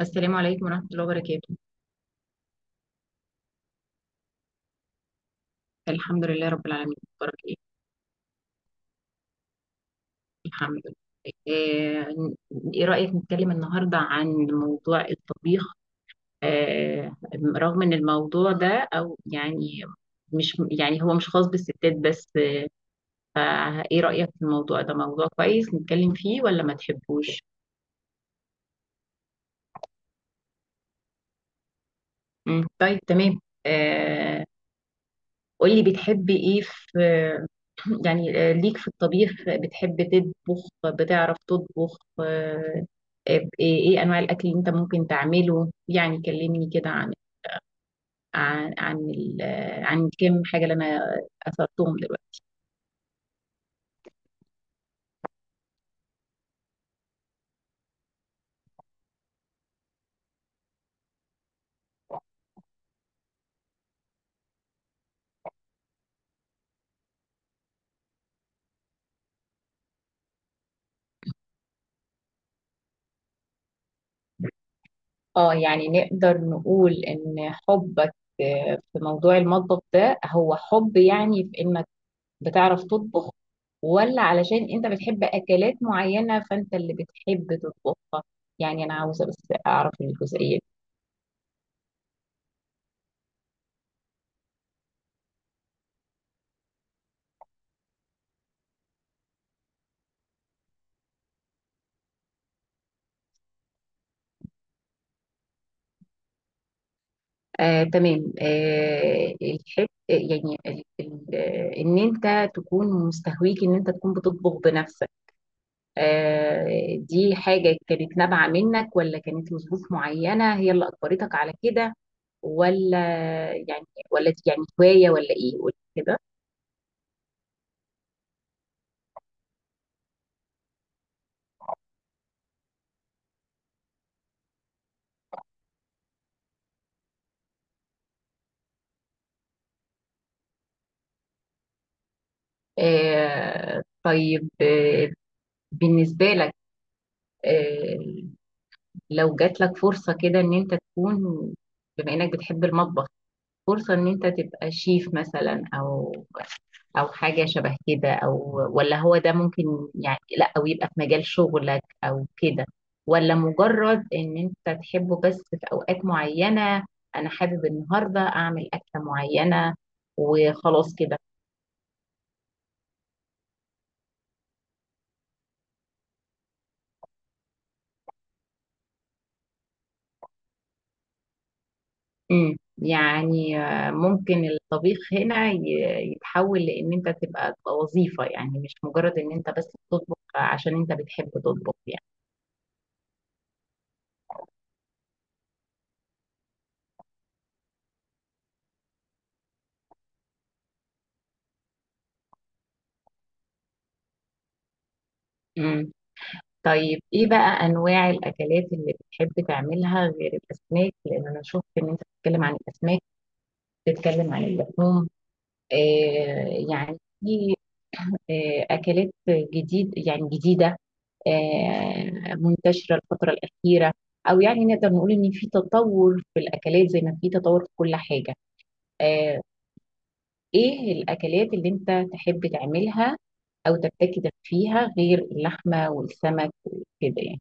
السلام عليكم ورحمة الله وبركاته. الحمد لله رب العالمين. بارك ايه. الحمد لله. آه، ايه رأيك نتكلم النهاردة عن موضوع الطبيخ؟ آه، رغم ان الموضوع ده او يعني مش يعني هو مش خاص بالستات بس. ايه رأيك في الموضوع ده، موضوع كويس نتكلم فيه ولا ما تحبوش؟ مم، طيب، تمام. آه، قولي بتحبي ايه في. يعني ليك في الطبيخ؟ بتحب تطبخ؟ بتعرف تطبخ؟ ايه انواع الاكل اللي انت ممكن تعمله؟ يعني كلمني كده عن عن كم حاجة اللي انا اثرتهم دلوقتي. اه يعني نقدر نقول ان حبك في موضوع المطبخ ده، هو حب يعني في انك بتعرف تطبخ، ولا علشان انت بتحب اكلات معينة فانت اللي بتحب تطبخها؟ يعني انا عاوزة بس اعرف الجزئية دي. تمام. الحب يعني ان انت تكون مستهويك ان انت تكون بتطبخ بنفسك. دي حاجة كانت نابعة منك ولا كانت لظروف معينة هي اللي اجبرتك على كده؟ ولا يعني، ولا دي يعني هواية ولا ايه؟ قولي كده. طيب، بالنسبة لك، آه، لو جات لك فرصة كده ان انت تكون، بما انك بتحب المطبخ، فرصة ان انت تبقى شيف مثلا او حاجة شبه كده، او ولا هو ده ممكن يعني، لا او يبقى في مجال شغلك او كده، ولا مجرد ان انت تحبه بس في اوقات معينة، انا حابب النهاردة اعمل اكلة معينة وخلاص كده؟ يعني ممكن الطبيخ هنا يتحول لان انت تبقى وظيفة، يعني مش مجرد ان انت بس بتطبخ عشان انت بتحب تطبخ يعني. امم، طيب، ايه بقى انواع الاكلات اللي بتحب تعملها غير الاسماك، لان انا شفت ان انت بتتكلم عن الاسماك، بتتكلم عن اللحوم. يعني في اكلات جديد، يعني جديدة، منتشرة الفترة الأخيرة، أو يعني نقدر نقول إن في تطور في الأكلات زي ما في تطور في كل حاجة. آه، إيه الأكلات اللي أنت تحب تعملها أو تبتكر فيها غير اللحمة والسمك وكده يعني؟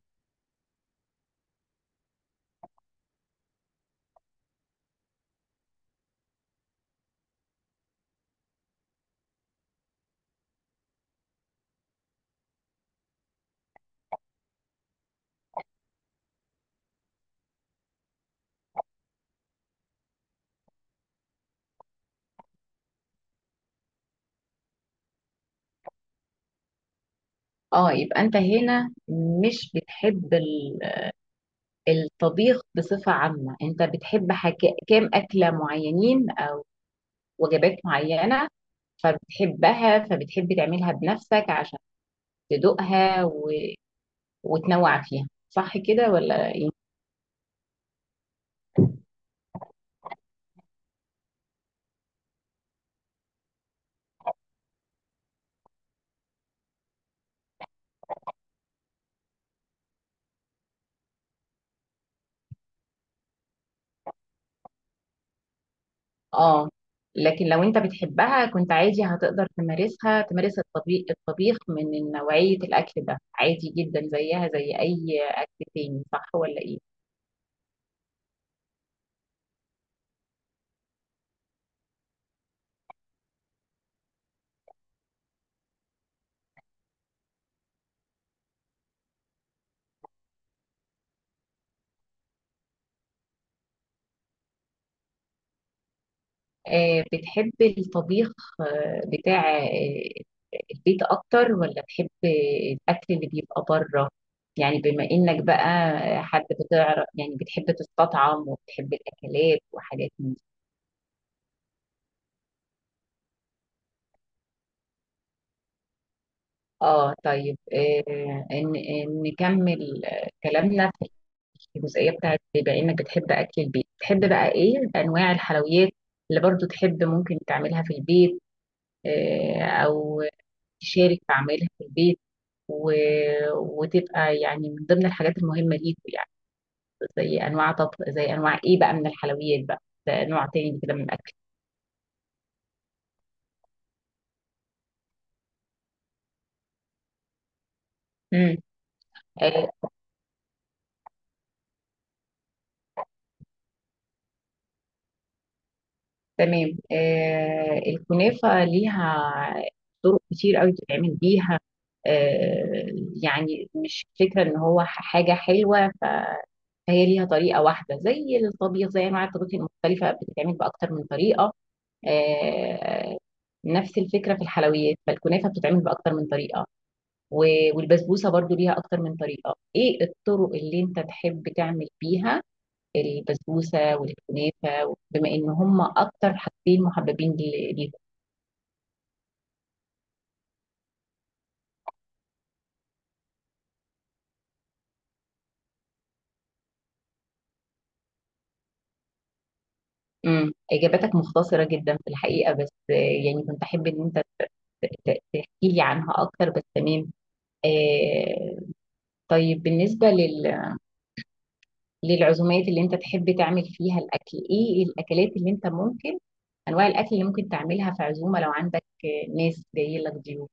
اه، يبقى انت هنا مش بتحب الطبيخ بصفة عامة، انت بتحب حاجة، كام أكلة معينين أو وجبات معينة، فبتحبها فبتحب تعملها بنفسك عشان تدوقها وتنوع فيها، صح كده ولا ايه؟ اه، لكن لو انت بتحبها كنت عادي هتقدر تمارسها، تمارس الطبيخ. الطبيخ من نوعية الأكل ده عادي جدا زيها زي أي أكل تاني، صح ولا ايه؟ بتحب الطبيخ بتاع البيت أكتر ولا بتحب الأكل اللي بيبقى بره؟ يعني بما إنك بقى حد بتعرف، يعني بتحب تستطعم وبتحب الأكلات وحاجات من. اه، طيب. ان نكمل كلامنا في الجزئيه بتاعت، بما انك بتحب اكل البيت، تحب بقى ايه انواع الحلويات اللي برضو تحب ممكن تعملها في البيت، او تشارك في عملها في البيت، و... وتبقى يعني من ضمن الحاجات المهمه ليكوا، يعني زي انواع طبخ، زي انواع ايه بقى من الحلويات بقى، ده نوع تاني كده من الاكل. مم. آه، تمام. الكنافة ليها طرق كتير قوي تتعمل بيها. آه يعني مش فكرة ان هو حاجة حلوة فهي ليها طريقة واحدة، زي الطبيخ، زي انواع الطبيخ المختلفة بتتعمل بأكتر من طريقة. آه نفس الفكرة في الحلويات، فالكنافة بتتعمل بأكتر من طريقة، والبسبوسة برضو ليها أكتر من طريقة. ايه الطرق اللي انت تحب تعمل بيها البسبوسه والكنافه، بما ان هم اكتر حاجتين محببين ليهم؟ اجاباتك مختصره جدا في الحقيقه، بس يعني كنت احب ان انت تحكي لي عنها اكتر، بس تمام. آه طيب، بالنسبه لل... للعزومات اللي انت تحب تعمل فيها الاكل، ايه الاكلات اللي انت ممكن، انواع الاكل اللي ممكن تعملها في عزومه لو عندك ناس جايه لك ضيوف؟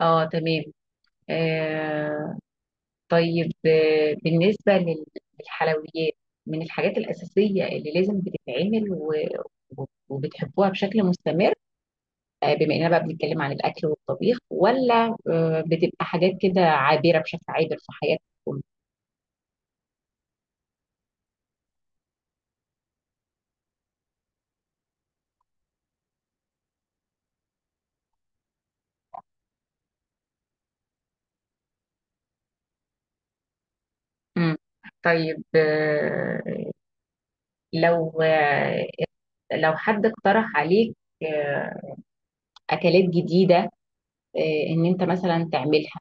اه، تمام. آه طيب، بالنسبة للحلويات، من الحاجات الأساسية اللي لازم بتتعمل و... وبتحبوها بشكل مستمر، بما إننا بقى بنتكلم عن الأكل والطبيخ، ولا بتبقى حاجات كده عابرة بشكل عابر في حياتكم؟ مم. طيب، لو لو حد اقترح عليك آه، أكلات جديدة، إن أنت مثلا تعملها،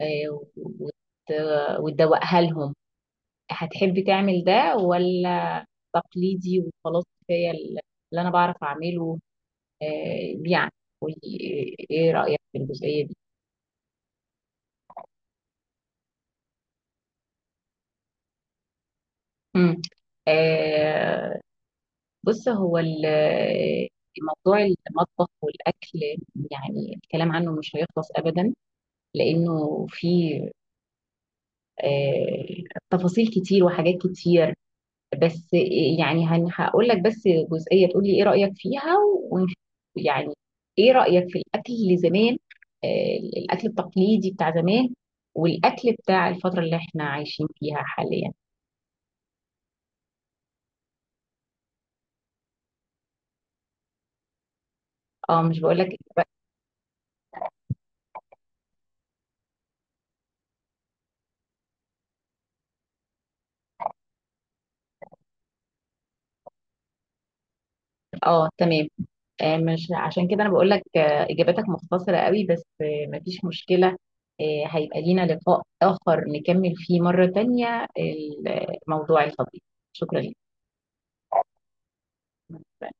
آه، وت- وتدوقها لهم، هتحب تعمل ده، ولا تقليدي وخلاص، كفايه اللي انا بعرف اعمله؟ يعني قولي ايه رايك في الجزئيه دي. مم. آه، بص، هو موضوع المطبخ والاكل، يعني الكلام عنه مش هيخلص ابدا لانه فيه آه، تفاصيل كتير وحاجات كتير، بس يعني هقول لك بس جزئية، تقول لي ايه رأيك فيها ونشوف. يعني ايه رأيك في الاكل اللي زمان، الاكل التقليدي بتاع زمان، والاكل بتاع الفترة اللي احنا عايشين فيها حاليا؟ اه، مش بقول لك. اه، تمام. مش عشان كده انا بقول لك اجاباتك مختصرة قوي، بس مفيش مشكلة، هيبقى لينا لقاء آخر نكمل فيه مرة تانية الموضوع الفضيل. شكرا لك.